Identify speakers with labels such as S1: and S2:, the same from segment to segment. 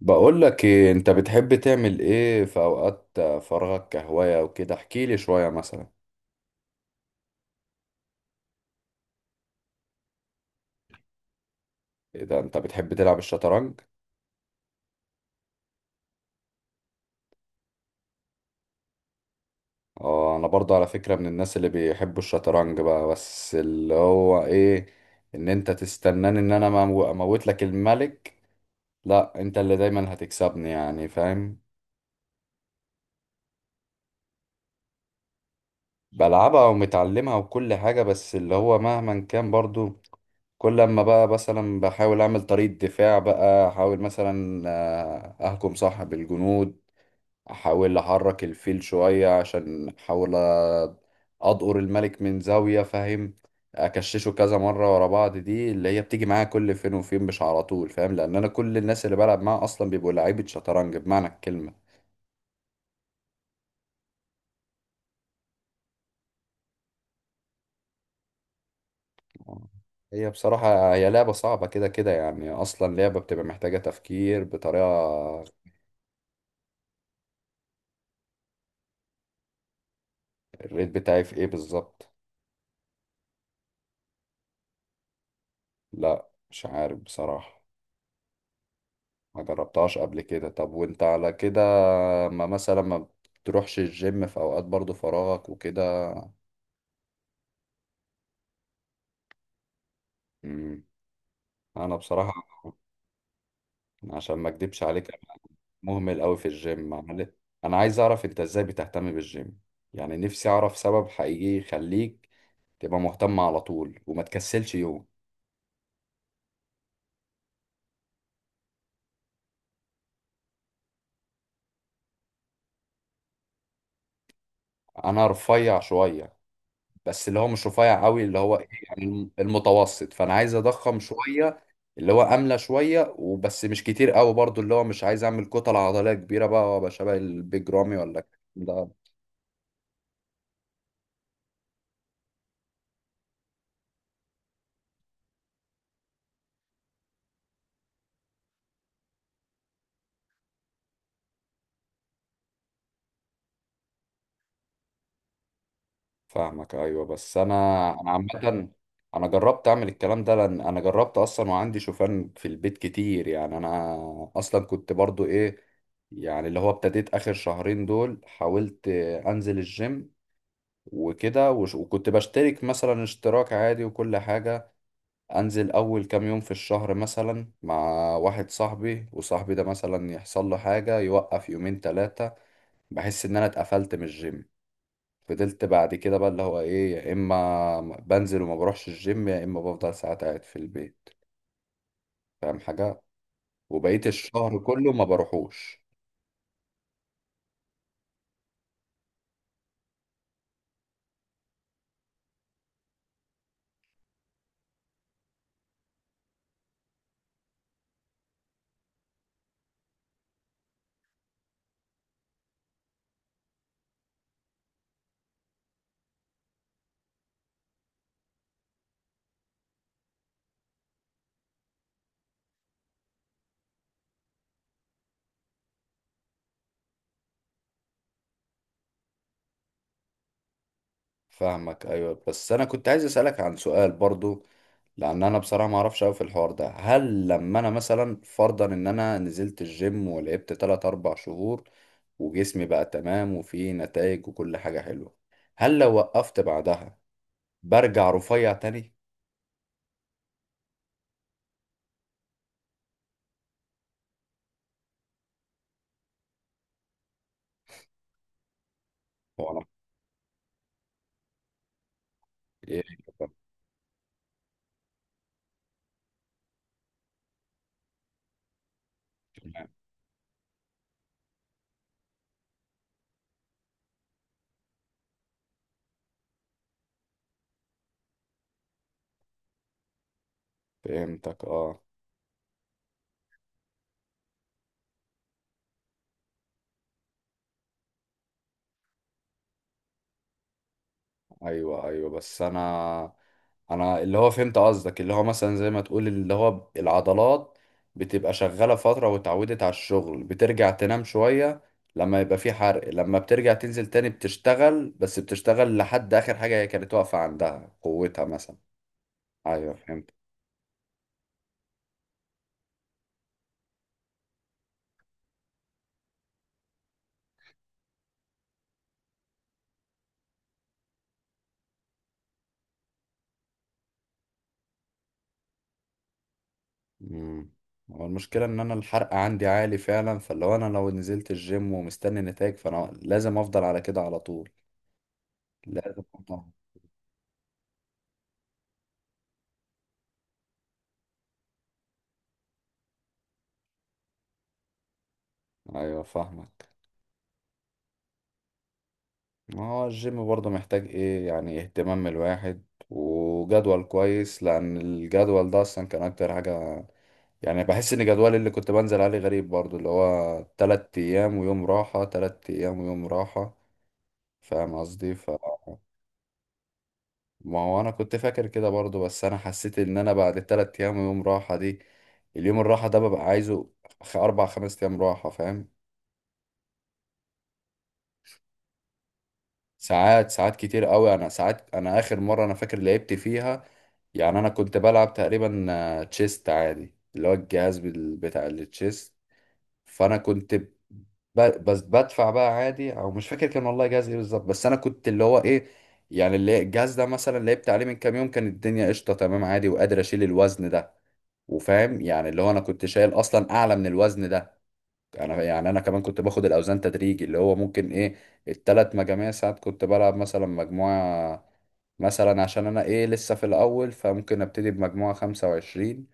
S1: بقول لك إيه، انت بتحب تعمل ايه في اوقات فراغك كهواية وكده؟ احكي لي شوية مثلا. ايه ده، انت بتحب تلعب الشطرنج؟ اه انا برضه على فكرة من الناس اللي بيحبوا الشطرنج بقى، بس اللي هو ايه، ان انت تستناني ان انا اموت لك الملك. لا، انت اللي دايما هتكسبني، يعني فاهم. بلعبها ومتعلمها وكل حاجة، بس اللي هو مهما كان برضه كل لما بقى مثلا بحاول اعمل طريقة دفاع، بقى احاول مثلا اهجم صح بالجنود. احاول احرك الفيل شوية عشان احاول اضقر الملك من زاوية، فاهم. اكششه كذا مرة ورا بعض، دي اللي هي بتيجي معايا كل فين وفين مش على طول، فاهم، لان انا كل الناس اللي بلعب معاها اصلا بيبقوا لعيبة شطرنج بمعنى الكلمة. هي بصراحة هي لعبة صعبة كده كده، يعني اصلا لعبة بتبقى محتاجة تفكير بطريقة. الريت بتاعي في ايه بالظبط؟ لا مش عارف بصراحة. ما جربتهاش قبل كده. طب وانت على كده، ما مثلا ما بتروحش الجيم في اوقات برضو فراغك وكده؟ مم. انا بصراحة، عشان ما اكدبش عليك، أنا مهمل قوي في الجيم. انا عايز اعرف انت ازاي بتهتم بالجيم، يعني نفسي اعرف سبب حقيقي يخليك تبقى مهتم على طول وما تكسلش يوم. انا رفيع شوية، بس اللي هو مش رفيع قوي، اللي هو ايه، يعني المتوسط، فانا عايز اضخم شويه. اللي هو املى شويه وبس، مش كتير قوي برضو، اللي هو مش عايز اعمل كتل عضليه كبيره بقى وابقى شبه البيج رامي ولا الكلام ده. فاهمك ايوه، بس انا، انا عامه، انا جربت اعمل الكلام ده، لان انا جربت اصلا وعندي شوفان في البيت كتير، يعني انا اصلا كنت برضو ايه، يعني اللي هو ابتديت اخر شهرين دول حاولت انزل الجيم وكده، وكنت بشترك مثلا اشتراك عادي وكل حاجة، انزل اول كام يوم في الشهر مثلا مع واحد صاحبي، وصاحبي ده مثلا يحصل له حاجة يوقف يومين تلاتة، بحس ان انا اتقفلت من الجيم. فضلت بعد كده بقى اللي هو ايه، يا اما بنزل وما بروحش الجيم، يا اما بفضل ساعات قاعد في البيت، فاهم حاجة. وبقيت الشهر كله ما بروحوش. فاهمك ايوه، بس انا كنت عايز اسألك عن سؤال برضو، لان انا بصراحه ما اعرفش قوي في الحوار ده. هل لما انا مثلا فرضا ان انا نزلت الجيم ولعبت 3 4 شهور وجسمي بقى تمام وفيه نتائج وكل حاجه حلوه، هل لو وقفت بعدها برجع رفيع تاني؟ هو انا إيه؟ تمام. فهمتك، اه. ايوه ايوه، بس انا اللي هو فهمت قصدك، اللي هو مثلا زي ما تقول اللي هو العضلات بتبقى شغالة فترة واتعودت على الشغل، بترجع تنام شوية لما يبقى في حرق. لما بترجع تنزل تاني بتشتغل، بس بتشتغل لحد آخر حاجة هي كانت واقفة عندها قوتها مثلا. ايوه فهمت. امم هو المشكلة ان انا الحرق عندي عالي فعلا، فاللي هو انا لو نزلت الجيم ومستني نتائج فانا لازم افضل على كده على طول. لازم افضل. ايوه فاهمك. ما هو الجيم برضه محتاج ايه، يعني اهتمام من الواحد وجدول كويس، لان الجدول ده اصلا كان اكتر حاجة. يعني بحس ان جدولي اللي كنت بنزل عليه غريب برضه، اللي هو 3 ايام ويوم راحة، 3 ايام ويوم راحة، فاهم قصدي. ما هو انا كنت فاكر كده برضه، بس انا حسيت ان انا بعد التلات ايام ويوم راحة دي، اليوم الراحة ده ببقى عايزه 4 5 ايام راحة، فاهم. ساعات ساعات كتير قوي، انا ساعات، انا اخر مره انا فاكر لعبت فيها، يعني انا كنت بلعب تقريبا تشيست عادي، اللي هو الجهاز بتاع التشيست. فانا كنت، بس بدفع بقى عادي، او مش فاكر كان والله جهاز ايه بالظبط، بس انا كنت اللي هو ايه، يعني اللي الجهاز ده مثلا لعبت عليه من كام يوم كان الدنيا قشطه تمام عادي، وقادر اشيل الوزن ده، وفاهم يعني اللي هو انا كنت شايل اصلا اعلى من الوزن ده. انا يعني انا كمان كنت باخد الاوزان تدريجي، اللي هو ممكن ايه، التلات مجاميع. ساعات كنت بلعب مثلا مجموعة، مثلا عشان انا ايه لسه في الاول، فممكن ابتدي بمجموعة 25،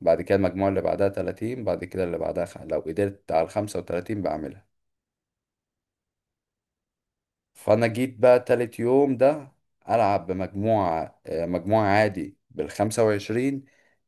S1: بعد كده المجموعة اللي بعدها 30، بعد كده اللي بعدها لو قدرت على الخمسة وتلاتين بعملها. فانا جيت بقى تالت يوم ده، العب بمجموعة مجموعة عادي بالخمسة وعشرين.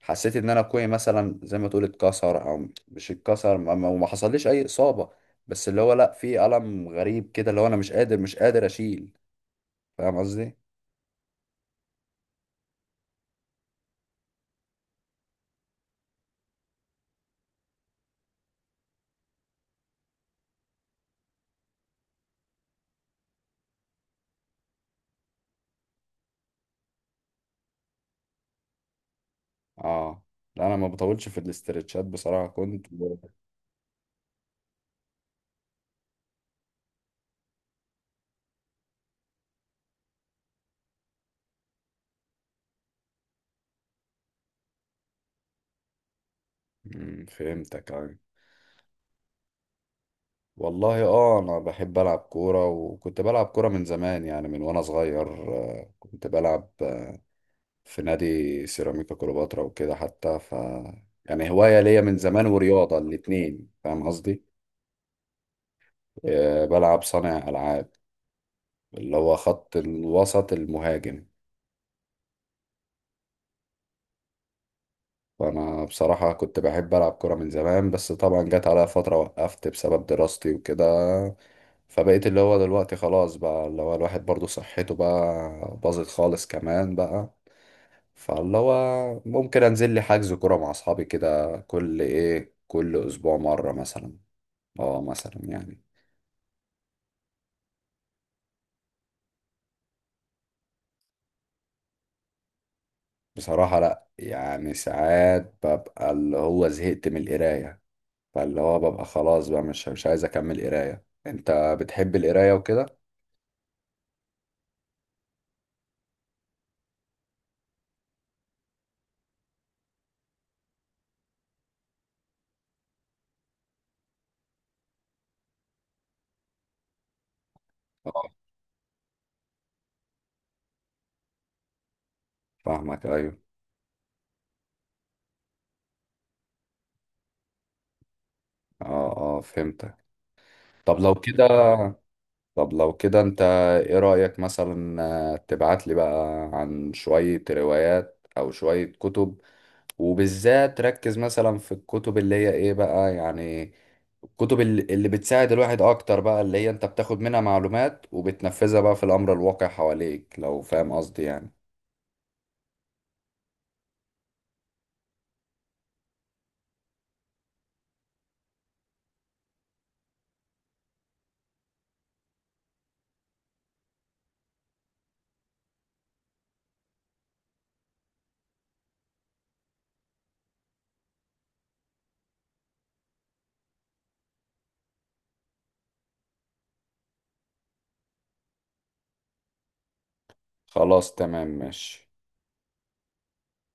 S1: حسيت ان انا كوعي مثلا زي ما تقول اتكسر او مش اتكسر، وما حصليش اي اصابة، بس اللي هو لا، في ألم غريب كده، اللي هو انا مش قادر اشيل، فاهم قصدي. اه. لا انا ما بطولش في الاسترتشات بصراحة، كنت. فهمتك يعني. والله اه، انا بحب العب كورة، وكنت بلعب كورة من زمان، يعني من وانا صغير كنت بلعب في نادي سيراميكا كليوباترا وكده حتى، يعني هواية ليا من زمان ورياضة، الاتنين، فاهم قصدي؟ بلعب صانع ألعاب، اللي هو خط الوسط المهاجم. فأنا بصراحة كنت بحب ألعب كرة من زمان، بس طبعا جت عليا فترة وقفت بسبب دراستي وكده. فبقيت اللي هو دلوقتي خلاص بقى، اللي هو الواحد برضو صحته بقى باظت خالص كمان بقى، فاللي هو ممكن انزل لي حجز كرة مع اصحابي كده كل ايه، كل اسبوع مرة مثلا. اه مثلا يعني. بصراحة لا، يعني ساعات ببقى اللي هو زهقت من القراية، فاللي هو ببقى خلاص بقى مش عايز اكمل قراية. انت بتحب القراية وكده؟ اه فاهمك ايوه. اه اه فهمتك. طب لو كده طب لو كده انت، ايه رأيك مثلا، تبعت لي بقى عن شوية روايات او شوية كتب، وبالذات ركز مثلا في الكتب اللي هي ايه بقى، يعني كتب اللي بتساعد الواحد اكتر بقى، اللي هي انت بتاخد منها معلومات وبتنفذها بقى في الامر الواقع حواليك، لو فاهم قصدي يعني. خلاص، تمام ماشي.